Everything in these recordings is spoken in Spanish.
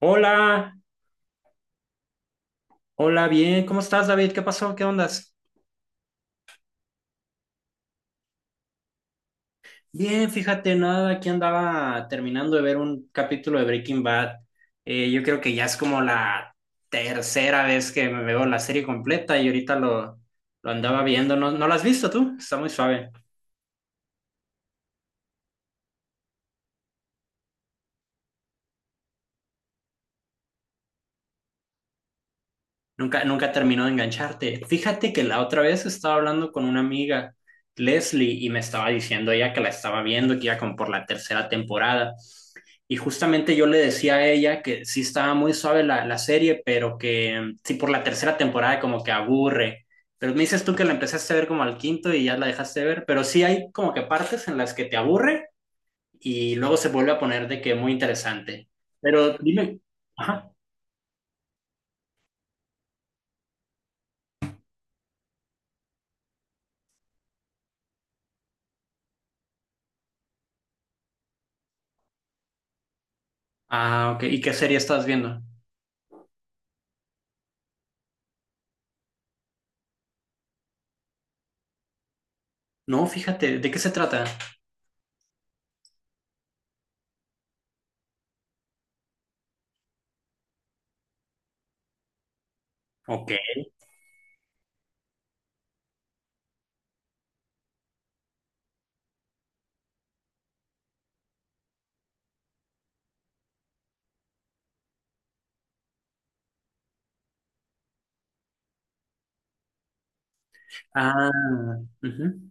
Hola, hola, bien, ¿cómo estás, David? ¿Qué pasó? ¿Qué ondas? Bien, fíjate, nada, aquí andaba terminando de ver un capítulo de Breaking Bad. Yo creo que ya es como la tercera vez que me veo la serie completa y ahorita lo andaba viendo. ¿No, no la has visto tú? Está muy suave. Nunca, nunca terminó de engancharte. Fíjate que la otra vez estaba hablando con una amiga, Leslie, y me estaba diciendo ella que la estaba viendo, que iba como por la tercera temporada. Y justamente yo le decía a ella que sí estaba muy suave la serie, pero que sí por la tercera temporada como que aburre. Pero me dices tú que la empezaste a ver como al quinto y ya la dejaste de ver, pero sí hay como que partes en las que te aburre y luego se vuelve a poner de que muy interesante. Pero dime, ajá. Ah, ok, ¿y qué serie estás viendo? No, fíjate, ¿de qué se trata? Ok. Ah, ujú.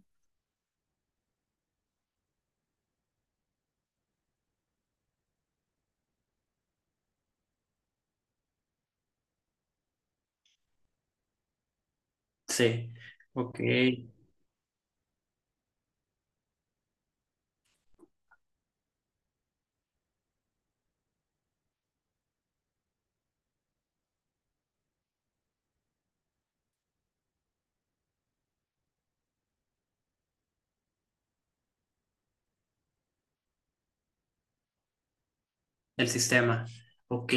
Sí. Ok. El sistema. Ok.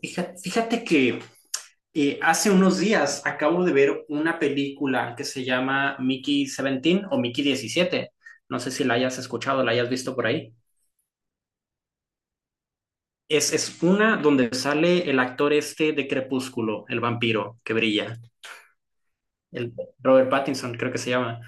Fíjate, que hace unos días acabo de ver una película que se llama Mickey 17 o Mickey 17. No sé si la hayas escuchado, la hayas visto por ahí. Es una donde sale el actor este de Crepúsculo, el vampiro que brilla. El Robert Pattinson, creo que se llama.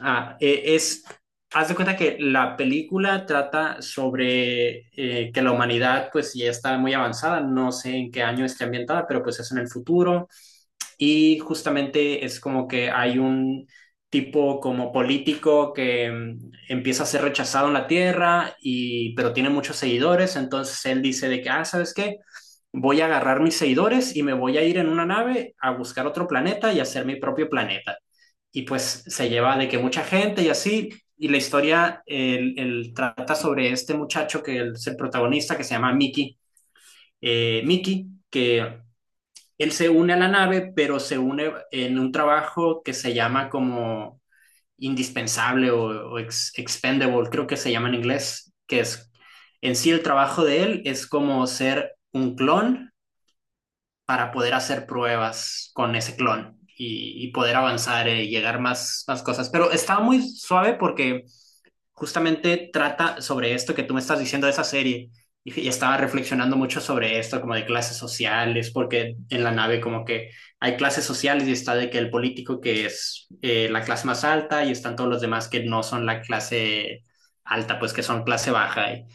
Ah, haz de cuenta que la película trata sobre que la humanidad pues ya está muy avanzada, no sé en qué año esté ambientada, pero pues es en el futuro y justamente es como que hay un tipo como político que empieza a ser rechazado en la Tierra y pero tiene muchos seguidores, entonces él dice de que, ah, ¿sabes qué? Voy a agarrar mis seguidores y me voy a ir en una nave a buscar otro planeta y hacer mi propio planeta y pues se lleva de que mucha gente y así, y la historia el trata sobre este muchacho que es el protagonista que se llama Mickey, que él se une a la nave, pero se une en un trabajo que se llama como indispensable o expendable, creo que se llama en inglés, que es en sí el trabajo de él es como ser un clon para poder hacer pruebas con ese clon y poder avanzar y llegar más cosas. Pero estaba muy suave porque justamente trata sobre esto que tú me estás diciendo de esa serie. Y estaba reflexionando mucho sobre esto, como de clases sociales, porque en la nave como que hay clases sociales y está de que el político que es la clase más alta y están todos los demás que no son la clase alta, pues que son clase baja. Y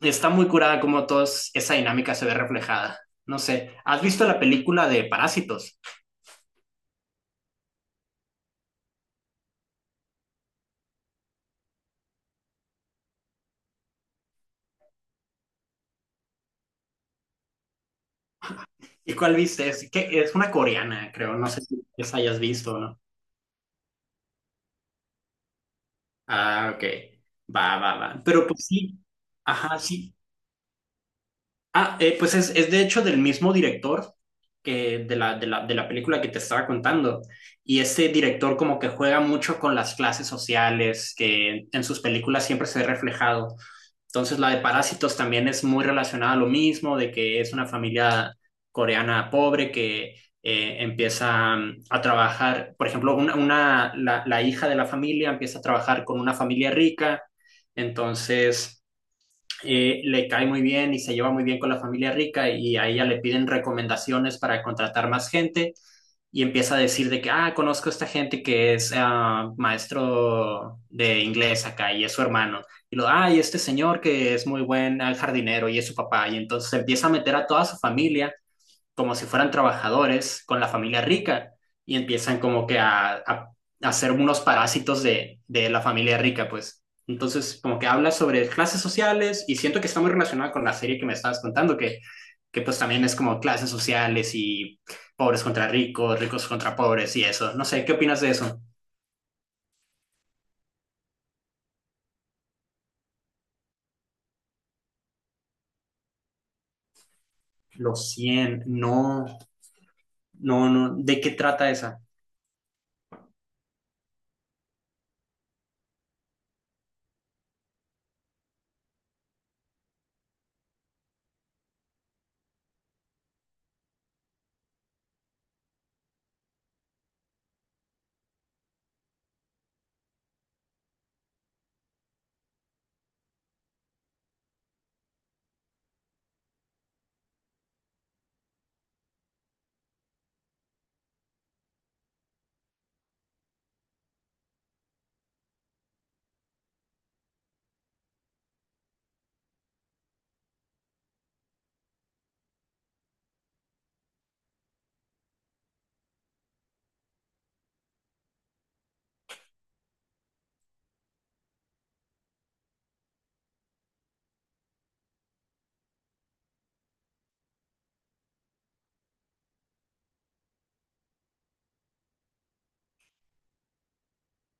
está muy curada como todos esa dinámica se ve reflejada. No sé, ¿has visto la película de Parásitos? ¿Y cuál viste? Que es una coreana, creo. No sé si esa hayas visto, ¿no? Ah, ok. Va, va, va. Pero pues sí. Ajá, sí. Ah, pues es de hecho del mismo director que de la película que te estaba contando. Y este director como que juega mucho con las clases sociales, que en sus películas siempre se ve reflejado. Entonces la de Parásitos también es muy relacionada a lo mismo, de que es una familia coreana pobre que empieza a trabajar, por ejemplo, la hija de la familia empieza a trabajar con una familia rica, entonces le cae muy bien y se lleva muy bien con la familia rica y a ella le piden recomendaciones para contratar más gente y empieza a decir de que, ah, conozco a esta gente que es ah, maestro de inglés acá y es su hermano. Y este señor que es muy buen ah, jardinero y es su papá. Y entonces empieza a meter a toda su familia como si fueran trabajadores con la familia rica y empiezan como que a ser unos parásitos de la familia rica, pues. Entonces, como que habla sobre clases sociales y siento que está muy relacionada con la serie que me estabas contando, que pues también es como clases sociales y pobres contra ricos, ricos contra pobres y eso. No sé, ¿qué opinas de eso? Los 100 no, no, no, ¿de qué trata esa?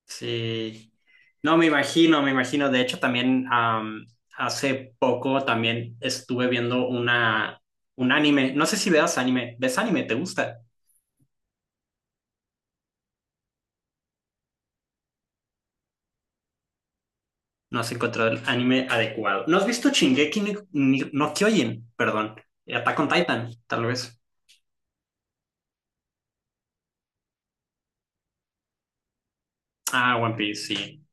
Sí, no me imagino, me imagino. De hecho, también hace poco también estuve viendo un anime. No sé si veas anime. ¿Ves anime? ¿Te gusta? No has encontrado el anime adecuado. ¿No has visto Shingeki no Kyojin? Perdón. Attack on Titan, tal vez. Ah, One Piece, sí.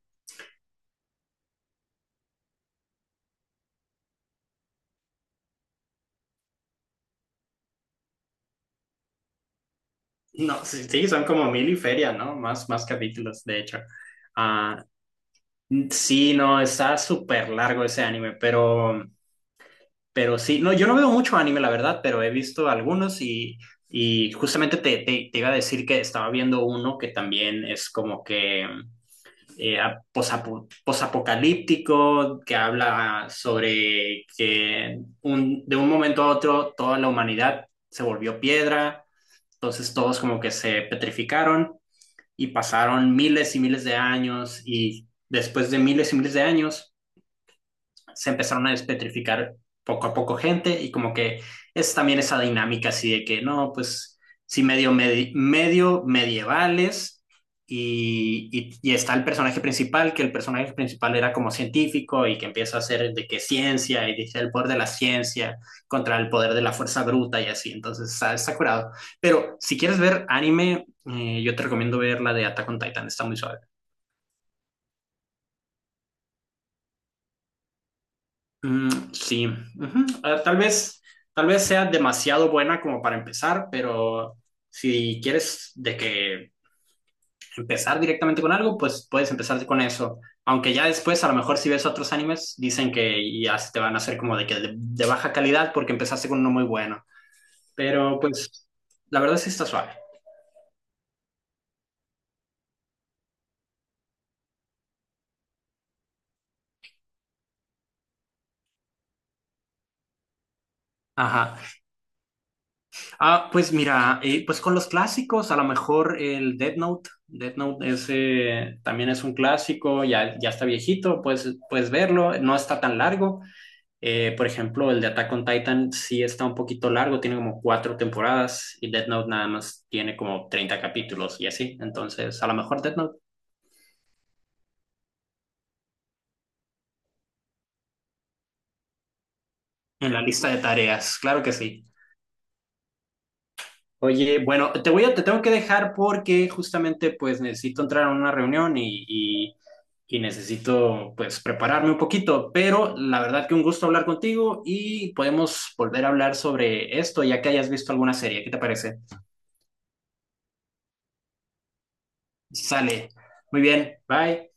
No, sí, sí, son como mil y feria, ¿no? Más, más capítulos, de hecho. Ah, sí, no, está súper largo ese anime, pero. Pero sí, no, yo no veo mucho anime, la verdad, pero he visto algunos y justamente te iba a decir que estaba viendo uno que también es como que posapocalíptico, que habla sobre que de un momento a otro toda la humanidad se volvió piedra, entonces todos como que se petrificaron y pasaron miles y miles de años y después de miles y miles de años se empezaron a despetrificar poco a poco gente y como que es también esa dinámica así de que no, pues sí medio medievales y, y está el personaje principal, que el personaje principal era como científico y que empieza a hacer de que ciencia y dice el poder de la ciencia contra el poder de la fuerza bruta y así, entonces está curado. Pero si quieres ver anime, yo te recomiendo ver la de Attack on Titan, está muy suave. Mm, sí, ujú. Ah, tal vez sea demasiado buena como para empezar, pero si quieres de que empezar directamente con algo, pues puedes empezar con eso. Aunque ya después, a lo mejor si ves otros animes, dicen que ya se te van a hacer como de que de baja calidad porque empezaste con uno muy bueno. Pero pues, la verdad sí está suave. Ajá. Ah, pues mira, pues con los clásicos, a lo mejor el Death Note. Death Note también es un clásico, ya, ya está viejito, puedes verlo, no está tan largo. Por ejemplo, el de Attack on Titan sí está un poquito largo, tiene como cuatro temporadas y Death Note nada más tiene como 30 capítulos y así. Entonces, a lo mejor Death Note en la lista de tareas, claro que sí. Oye, bueno, te tengo que dejar porque justamente pues necesito entrar a una reunión y necesito pues prepararme un poquito, pero la verdad que un gusto hablar contigo y podemos volver a hablar sobre esto ya que hayas visto alguna serie. ¿Qué te parece? Sale. Muy bien, bye.